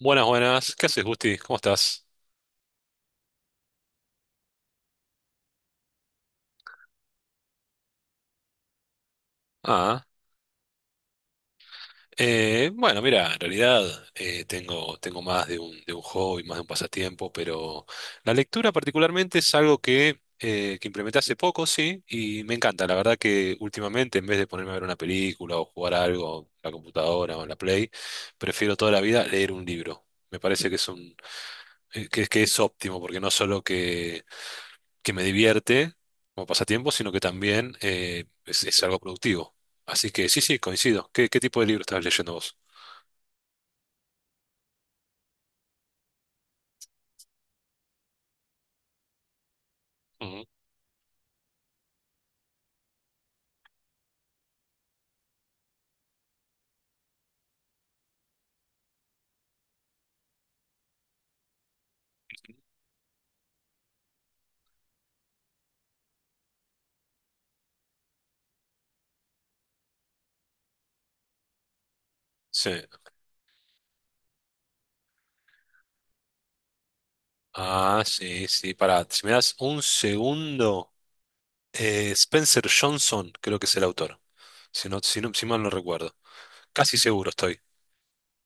Buenas, buenas. ¿Qué haces, Gusti? ¿Cómo estás? Ah, bueno, mira, en realidad tengo, tengo más de un hobby, más de un pasatiempo, pero la lectura particularmente es algo que implementé hace poco, sí, y me encanta. La verdad que últimamente, en vez de ponerme a ver una película o jugar algo en la computadora o en la Play, prefiero toda la vida leer un libro. Me parece que es un, que es óptimo, porque no solo que me divierte como pasatiempo, sino que también es algo productivo. Así que sí, sí, coincido. ¿Qué tipo de libro estás leyendo vos? Ujú. Sí. Ah, sí, sí. Pará, si me das un segundo, Spencer Johnson creo que es el autor. Si no, si no, si mal no recuerdo. Casi seguro estoy.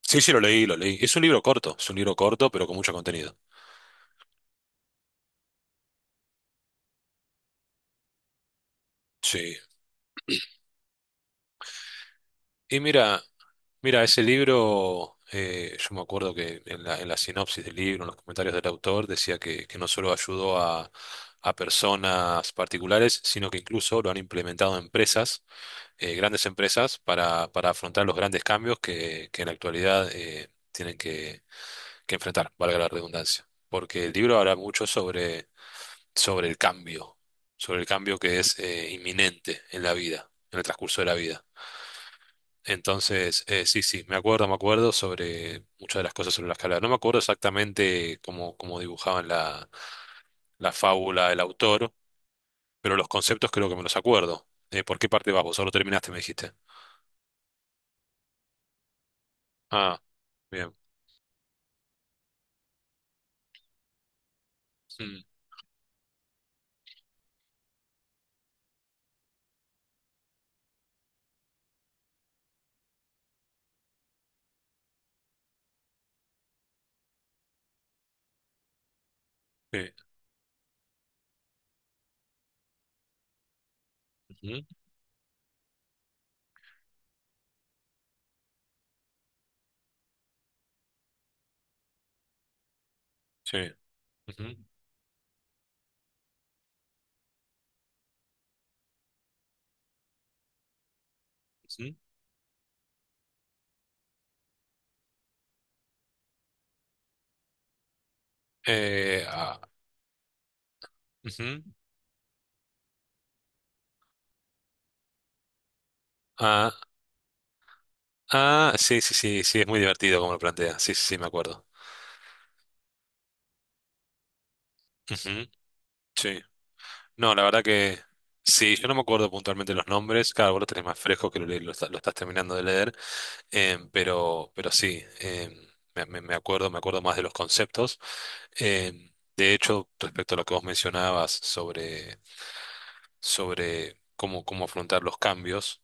Sí, sí, lo leí, lo leí. Es un libro corto, es un libro corto, pero con mucho contenido. Sí. Y mira, Mira, ese libro, yo me acuerdo que en la sinopsis del libro, en los comentarios del autor, decía que no solo ayudó a personas particulares, sino que incluso lo han implementado empresas, grandes empresas, para afrontar los grandes cambios que en la actualidad tienen que enfrentar, valga la redundancia. Porque el libro habla mucho sobre, sobre el cambio, sobre el cambio que es inminente en la vida, en el transcurso de la vida. Entonces, sí, sí, me acuerdo sobre muchas de las cosas sobre la escala. No me acuerdo exactamente cómo, cómo dibujaban la, la fábula el autor, pero los conceptos creo que me los acuerdo. ¿Por qué parte vas vos? Solo terminaste, me dijiste. Ah, bien. Mm, sí, ujú, sí, ujú, ujú. Eh, ah, ujú, ah, ah, sí, sí, sí, sí, es muy divertido como lo plantea. Sí, sí, sí, me acuerdo. Ujú, sí, no, la verdad que sí, yo no me acuerdo puntualmente los nombres, claro, vos lo tenés más fresco que lo, lo lo estás terminando de leer, pero sí, me, me acuerdo más de los conceptos. De hecho, respecto a lo que vos mencionabas sobre, sobre cómo, cómo afrontar los cambios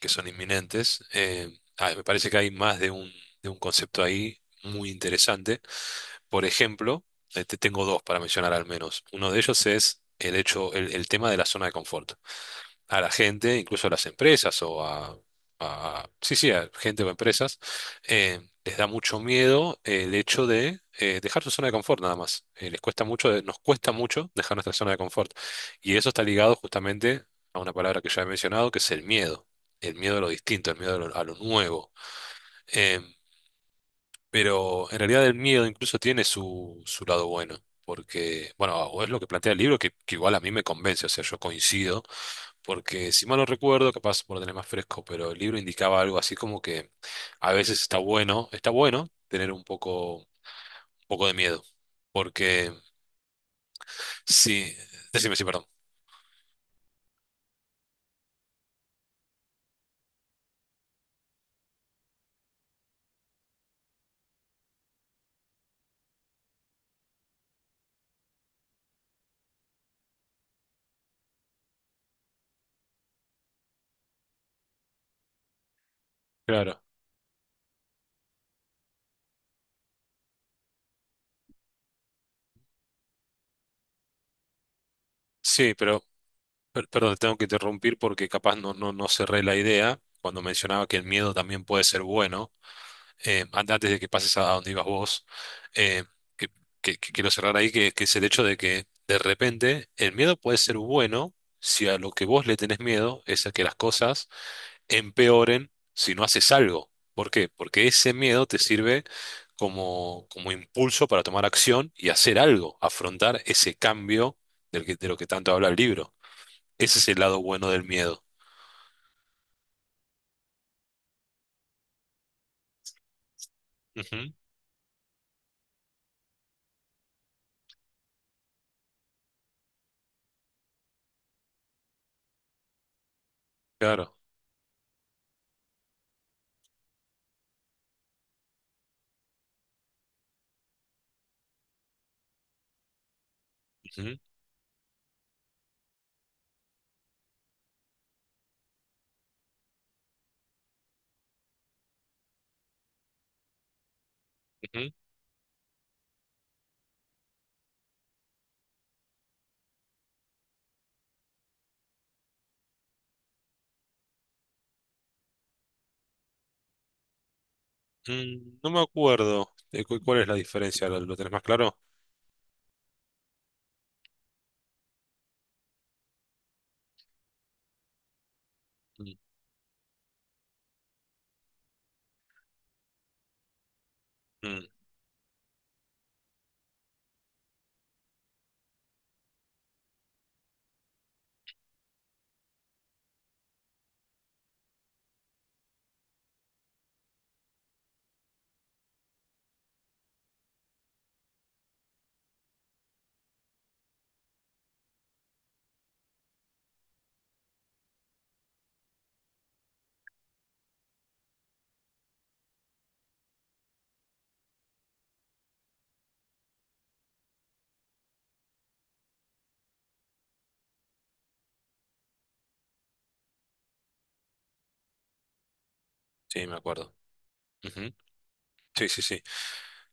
que son inminentes, me parece que hay más de un concepto ahí muy interesante. Por ejemplo, te tengo dos para mencionar al menos. Uno de ellos es el hecho, el tema de la zona de confort a la gente, incluso a las empresas o a, sí, sí, a gente o empresas, les da mucho miedo el hecho de dejar su zona de confort nada más. Les cuesta mucho, nos cuesta mucho dejar nuestra zona de confort. Y eso está ligado justamente a una palabra que ya he mencionado, que es el miedo. El miedo a lo distinto, el miedo a lo nuevo. Em, pero en realidad el miedo incluso tiene su, su lado bueno, porque, bueno, o es lo que plantea el libro que igual a mí me convence, o sea, yo coincido, porque si mal no recuerdo, capaz por tener más fresco, pero el libro indicaba algo así como que a veces está bueno tener un poco de miedo, porque sí, decime, sí, perdón. Claro. Sí, pero, perdón, te tengo que interrumpir porque capaz no, no, no cerré la idea cuando mencionaba que el miedo también puede ser bueno antes de que pases a, donde ibas vos, eh, que, que quiero cerrar ahí, que es el hecho de que de repente el miedo puede ser bueno si a lo que vos le tenés miedo es a que las cosas empeoren si no haces algo. ¿Por qué? Porque ese miedo te sirve como, como impulso para tomar acción y hacer algo, afrontar ese cambio del que, de lo que tanto habla el libro. Ese es el lado bueno del miedo. Ujú, claro. Ujú, ujú. Mm, no me acuerdo. ¿Cuál es la diferencia? Lo tenés más claro? Mm, mm, sí, me acuerdo. Ujú. Sí, sí, sí.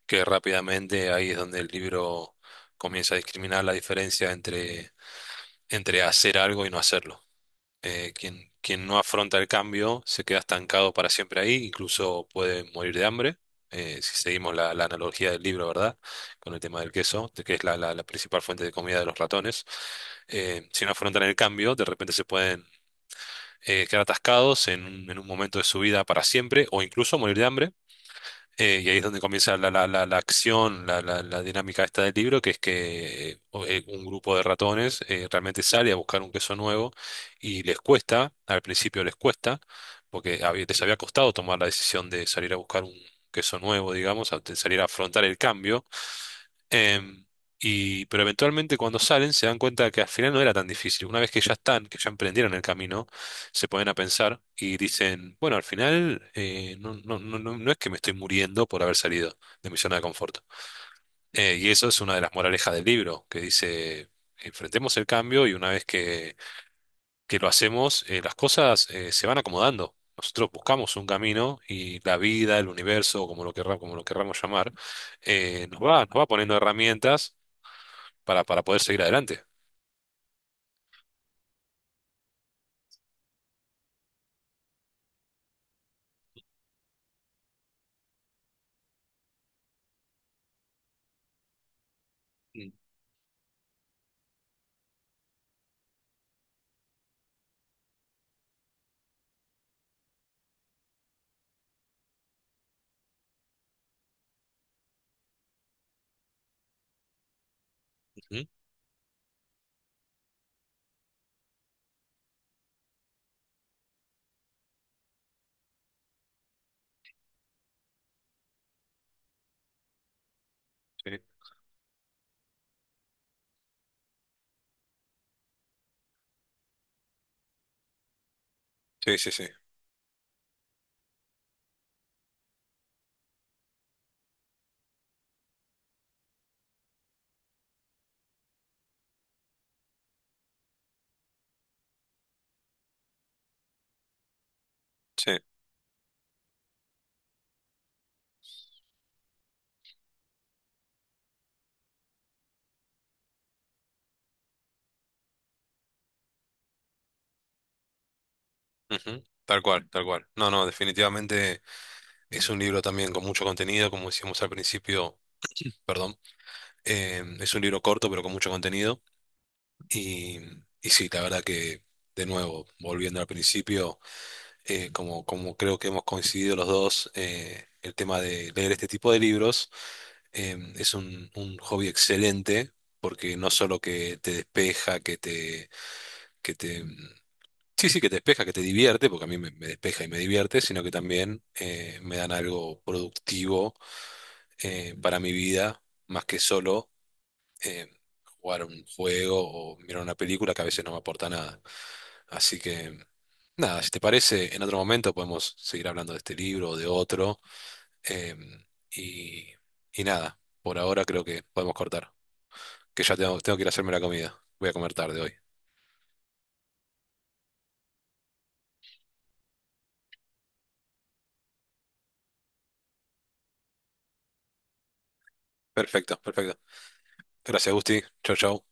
Que rápidamente ahí es donde el libro comienza a discriminar la diferencia entre, entre hacer algo y no hacerlo. Quien, quien no afronta el cambio se queda estancado para siempre ahí, incluso puede morir de hambre. Si seguimos la, la analogía del libro, ¿verdad? Con el tema del queso, de que es la, la la principal fuente de comida de los ratones si no afrontan el cambio, de repente se pueden quedar atascados en un momento de su vida para siempre o incluso morir de hambre. Y ahí es donde comienza la, la acción, la, la dinámica esta del libro, que es que un grupo de ratones realmente sale a buscar un queso nuevo y les cuesta, al principio les cuesta, porque les había costado tomar la decisión de salir a buscar un queso nuevo, digamos, de salir a afrontar el cambio. Em, y, pero eventualmente cuando salen se dan cuenta que al final no era tan difícil. Una vez que ya están, que ya emprendieron el camino, se ponen a pensar y dicen, bueno, al final no, no, no, no es que me estoy muriendo por haber salido de mi zona de confort. Y eso es una de las moralejas del libro, que dice, enfrentemos el cambio y una vez que lo hacemos, las cosas se van acomodando. Nosotros buscamos un camino y la vida, el universo, como lo querramos llamar, nos va poniendo herramientas para poder seguir adelante. Mm. Ujú. Sí, sí, sí, sí. Sí. Ujú. Tal cual, tal cual. No, no, definitivamente es un libro también con mucho contenido, como decíamos al principio, perdón. Es un libro corto, pero con mucho contenido. Y, y sí, la verdad que, de nuevo, volviendo al principio, como, como creo que hemos coincidido los dos, el tema de leer este tipo de libros es un hobby excelente porque no solo que te despeja, que te sí, sí, que te despeja, que te divierte, porque a mí me, me despeja y me divierte, sino que también me dan algo productivo para mi vida, más que solo eh, jugar un juego o mirar una película que a veces no me aporta nada. Así que, nada, si te parece, en otro momento podemos seguir hablando de este libro o de otro. eh, y, y nada, por ahora creo que podemos cortar, que ya tengo, tengo que ir a hacerme la comida. Voy a comer tarde hoy. Perfecto, perfecto. Gracias, Gusti. Chau, chau.